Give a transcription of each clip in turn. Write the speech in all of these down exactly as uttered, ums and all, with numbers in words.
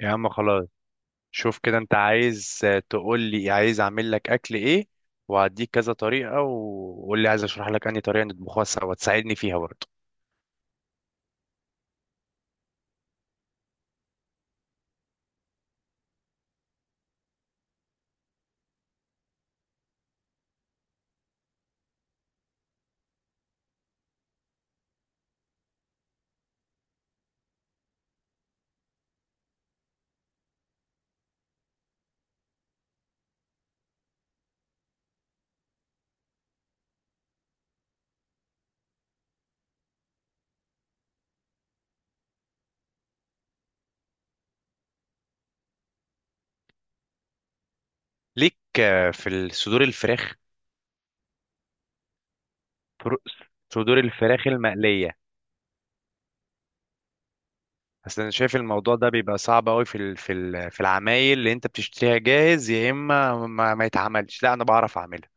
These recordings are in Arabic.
يا عم خلاص. شوف كده، انت عايز تقول لي عايز اعمل لك اكل ايه، وهديك كذا طريقة، وقول لي عايز اشرح لك انهي طريقة نطبخها سوا تساعدني فيها برضه. ليك آه، في ال- صدور الفراخ. فر- صدور الفراخ المقلية. اصل انا شايف الموضوع ده بيبقى صعب قوي في ال- في ال- في العمايل اللي انت بتشتريها جاهز، يا اما ما, ما يتعملش، لا انا بعرف اعملها.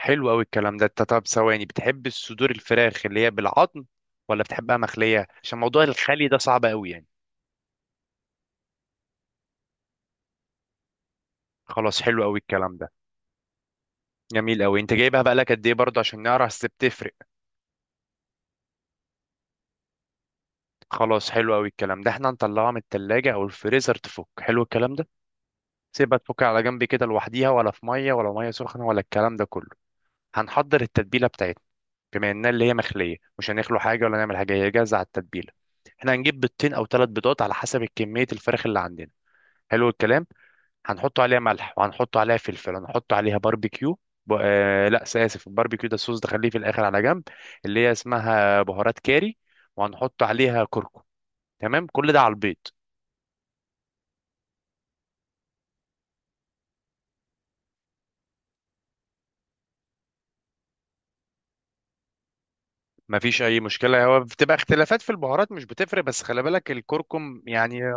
حلو قوي الكلام ده. انت طب ثواني، بتحب الصدور الفراخ اللي هي بالعظم ولا بتحبها مخلية؟ عشان موضوع الخلي ده صعب قوي يعني. خلاص، حلو قوي الكلام ده. جميل قوي. انت جايبها بقى لك قد ايه برضه عشان نعرف اذا بتفرق. خلاص، حلو قوي الكلام ده. احنا هنطلعها من التلاجة او الفريزر تفك، حلو الكلام ده. سيبها تفك على جنب كده لوحديها، ولا في ميه، ولا ميه سخنه، ولا الكلام ده كله. هنحضر التتبيله بتاعتنا. بما انها اللي هي مخليه، مش هنخلو حاجه ولا نعمل حاجه، هي جاهزه على التتبيله. احنا هنجيب بيضتين او ثلاث بيضات على حسب كميه الفراخ اللي عندنا. حلو الكلام. هنحط عليها ملح، وهنحط عليها فلفل، هنحط عليها باربيكيو. ب... آه لا اسف، الباربيكيو ده الصوص ده خليه في الاخر على جنب. اللي هي اسمها بهارات كاري، وهنحط عليها كركم. تمام، كل ده على البيض. مفيش اي مشكله، هو بتبقى اختلافات في البهارات مش بتفرق، بس خلي بالك الكركم يعني.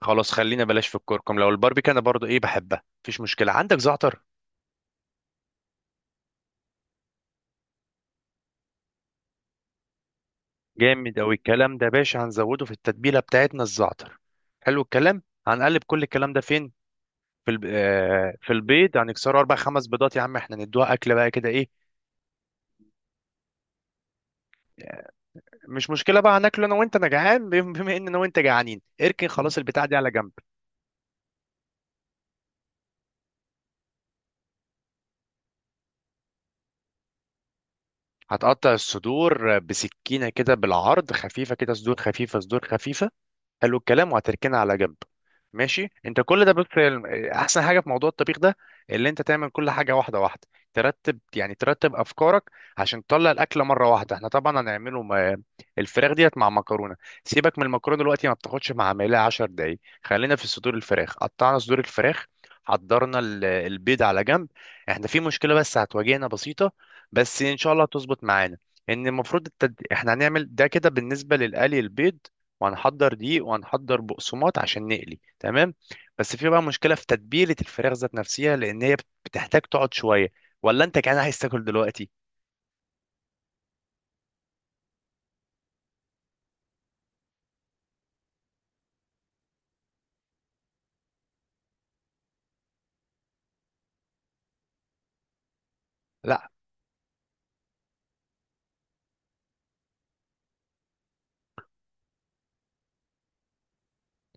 خلاص، خلينا بلاش في الكركم، لو الباربيكيو انا برضو ايه بحبها مفيش مشكله. عندك زعتر؟ جامد اوي الكلام ده يا باشا، هنزوده في التتبيله بتاعتنا الزعتر. حلو الكلام. هنقلب كل الكلام ده فين؟ في الب... آه، في البيض. هنكسره اربع خمس بيضات. يا عم احنا ندوها اكل بقى كده ايه؟ مش مشكله بقى، هناكله انا وانت، انا جعان. بم- بما ان انا وانت جعانين، اركن خلاص البتاع دي على جنب. هتقطع الصدور بسكينه كده بالعرض، خفيفه كده، صدور خفيفه، صدور خفيفه. حلو الكلام، وهتركنها على جنب. ماشي. انت كل ده بص، احسن حاجه في موضوع الطبيخ ده اللي انت تعمل كل حاجه واحده واحده، ترتب يعني، ترتب افكارك، عشان تطلع الاكله مره واحده. احنا طبعا هنعمله م- الفراخ ديت مع مكرونه. سيبك من المكرونه دلوقتي، ما بتاخدش مع عمليه عشر دقايق. خلينا في صدور الفراخ. قطعنا صدور الفراخ، حضرنا ال- البيض على جنب. احنا في مشكله بس هتواجهنا بسيطه، بس ان شاء الله هتظبط معانا. ان المفروض التد... احنا هنعمل ده كده بالنسبه للقلي البيض، وهنحضر دقيق، وهنحضر بقسماط عشان نقلي، تمام. بس في بقى مشكله في تتبيله الفراخ ذات نفسها، لان هي بتحتاج تقعد شويه، ولا انت كمان عايز تاكل دلوقتي؟ لا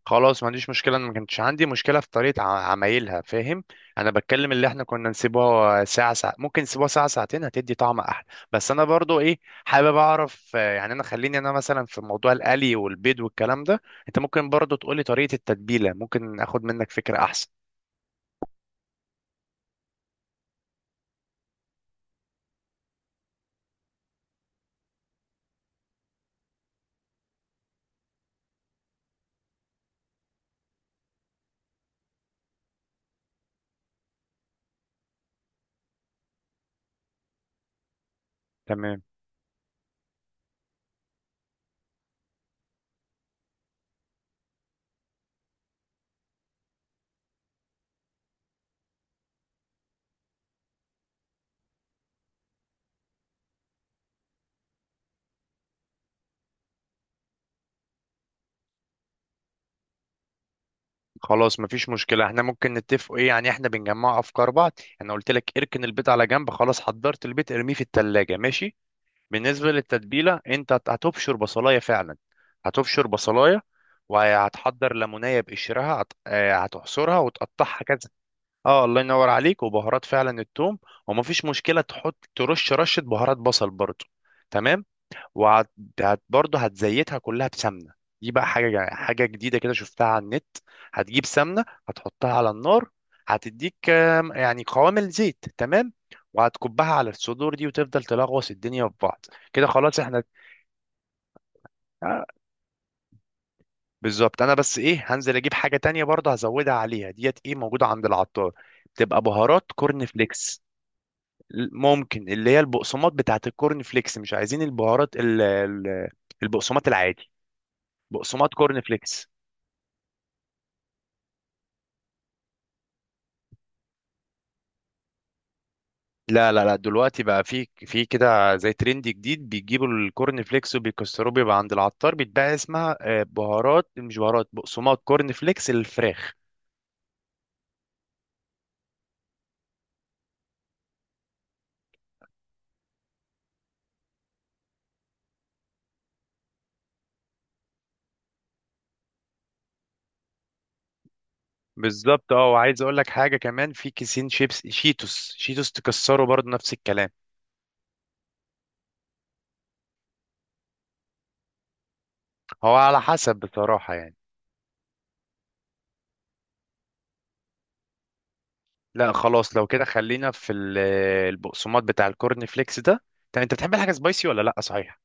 خلاص، ما عنديش مشكله، انا ما كانتش عندي مشكله في طريقه ع- عمايلها، فاهم. انا بتكلم اللي احنا كنا نسيبها ساعه ساعه، ممكن نسيبها ساعه ساعتين هتدي طعم احلى. بس انا برضو ايه حابب اعرف، آه، يعني انا خليني انا مثلا في موضوع القلي والبيض والكلام ده، انت ممكن برضو تقولي طريقه التتبيله ممكن اخد منك فكره احسن. تمام. خلاص مفيش مشكلة، احنا ممكن نتفقوا ايه يعني، احنا بنجمع افكار بعض. انا قلت لك اركن البيض على جنب خلاص، حضرت البيض ارميه في التلاجة، ماشي. بالنسبة للتتبيلة، انت هت- هتبشر بصلاية فعلا، هتبشر بصلاية، وهتحضر ليمونية بقشرها، هت- آه، هتعصرها وتقطعها كذا. اه الله ينور عليك، وبهارات فعلا التوم، ومفيش مشكلة تحط ترش رشة بهارات بصل برضو، تمام. وهت هت برضه هتزيتها كلها بسمنه. دي بقى حاجه جا- حاجه جديده كده شفتها على النت. هتجيب سمنه، هتحطها على النار، هتديك آم، يعني قوام الزيت، تمام، وهتكبها على الصدور دي وتفضل تلغوص الدنيا في بعض. كده خلاص احنا، آه، بالظبط. انا بس ايه، هنزل اجيب حاجه تانية برضه هزودها عليها، ديت ايه موجوده عند العطار، بتبقى بهارات كورن فليكس. ممكن اللي هي البقسماط بتاعت الكورن فليكس، مش عايزين البهارات ال- ال- البقسماط العادي، بقسماط كورن فليكس. لا لا لا، دلوقتي بقى في في كده زي ترند جديد بيجيبوا الكورن فليكس وبيكسروه، بيبقى عند العطار بيتباع، اسمها آه، بهارات، مش بهارات، بقسماط كورن فليكس الفراخ. بالظبط. اه وعايز اقول لك حاجه كمان، في كيسين شيبس شيتوس، شيتوس تكسره برضه نفس الكلام. هو على حسب بصراحه يعني. لا خلاص، لو كده خلينا في ال- البقسماط بتاع الكورن فليكس ده. طب انت بتحب الحاجه سبايسي ولا لا، صحيح؟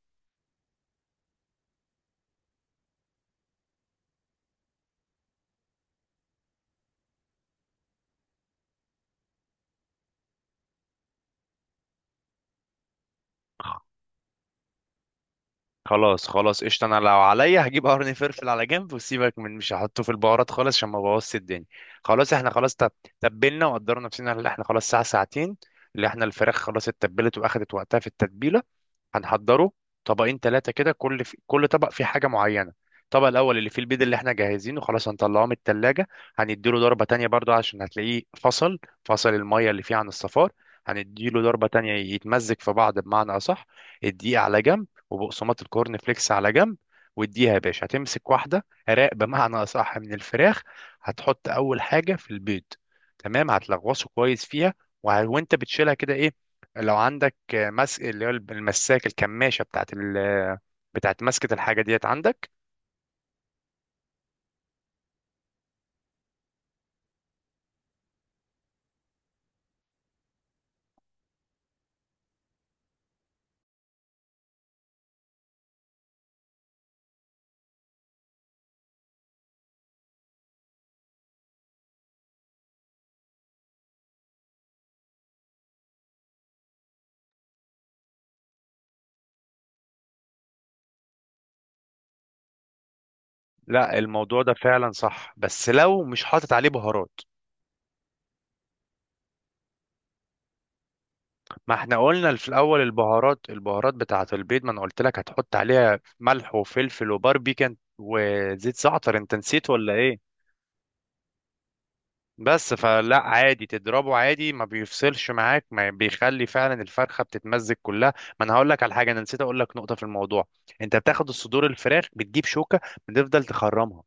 خلاص خلاص قشطة، انا لو عليا هجيب قرن فلفل على جنب وسيبك من، مش هحطه في البهارات خالص عشان ما بوظش الدنيا. خلاص احنا خلاص، تب- تبلنا وقدرنا نفسنا. اللي احنا خلاص ساعة ساعتين، اللي احنا الفراخ خلاص اتبلت واخدت وقتها في التتبيلة. هنحضره طبقين ثلاثة كده، كل في... كل طبق فيه حاجة معينة. الطبق الأول اللي فيه البيض اللي احنا جاهزينه خلاص، هنطلعه من التلاجة، هنديله ضربة تانية برضو عشان هتلاقيه فصل، فصل المية اللي فيه عن الصفار. هنديله ضربة تانية يتمزج في بعض بمعنى أصح. الدقيق على جنب، وبقسماط الكورن فليكس على جنب. واديها يا باشا، هتمسك واحدة راق بمعنى أصح من الفراخ، هتحط أول حاجة في البيض، تمام، هتلغوصه كويس فيها. وه- وانت بتشيلها كده ايه، لو عندك مس اللي هو المساك الكماشة بتاعت ال بتاعت مسكة الحاجة ديت عندك. لا الموضوع ده فعلا صح، بس لو مش حاطط عليه بهارات. ما احنا قلنا في الأول البهارات، البهارات بتاعت البيض، ما انا قلت لك هتحط عليها ملح وفلفل وباربيكان وزيت زعتر، انت نسيت ولا ايه؟ بس فلا عادي تضربه عادي، ما بيفصلش معاك، ما بيخلي فعلا الفرخة بتتمزج كلها. ما انا هقول لك على حاجة، انا نسيت اقول لك نقطة في الموضوع. انت بتاخد الصدور الفراخ، بتجيب شوكة، بتفضل تخرمها.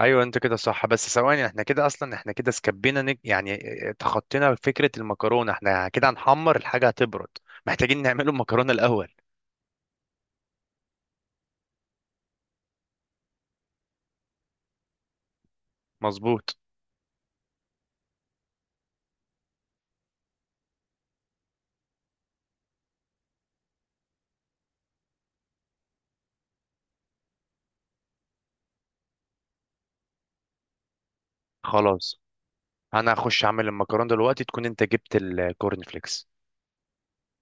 ايوه انت كده صح، بس ثواني احنا كده اصلا، احنا كده سكبينا نج... يعني تخطينا فكره المكرونه، احنا كده هنحمر الحاجه هتبرد، محتاجين نعمله المكرونه الاول. مظبوط. خلاص انا هخش اعمل المكرونه دلوقتي تكون انت جبت الكورن فليكس.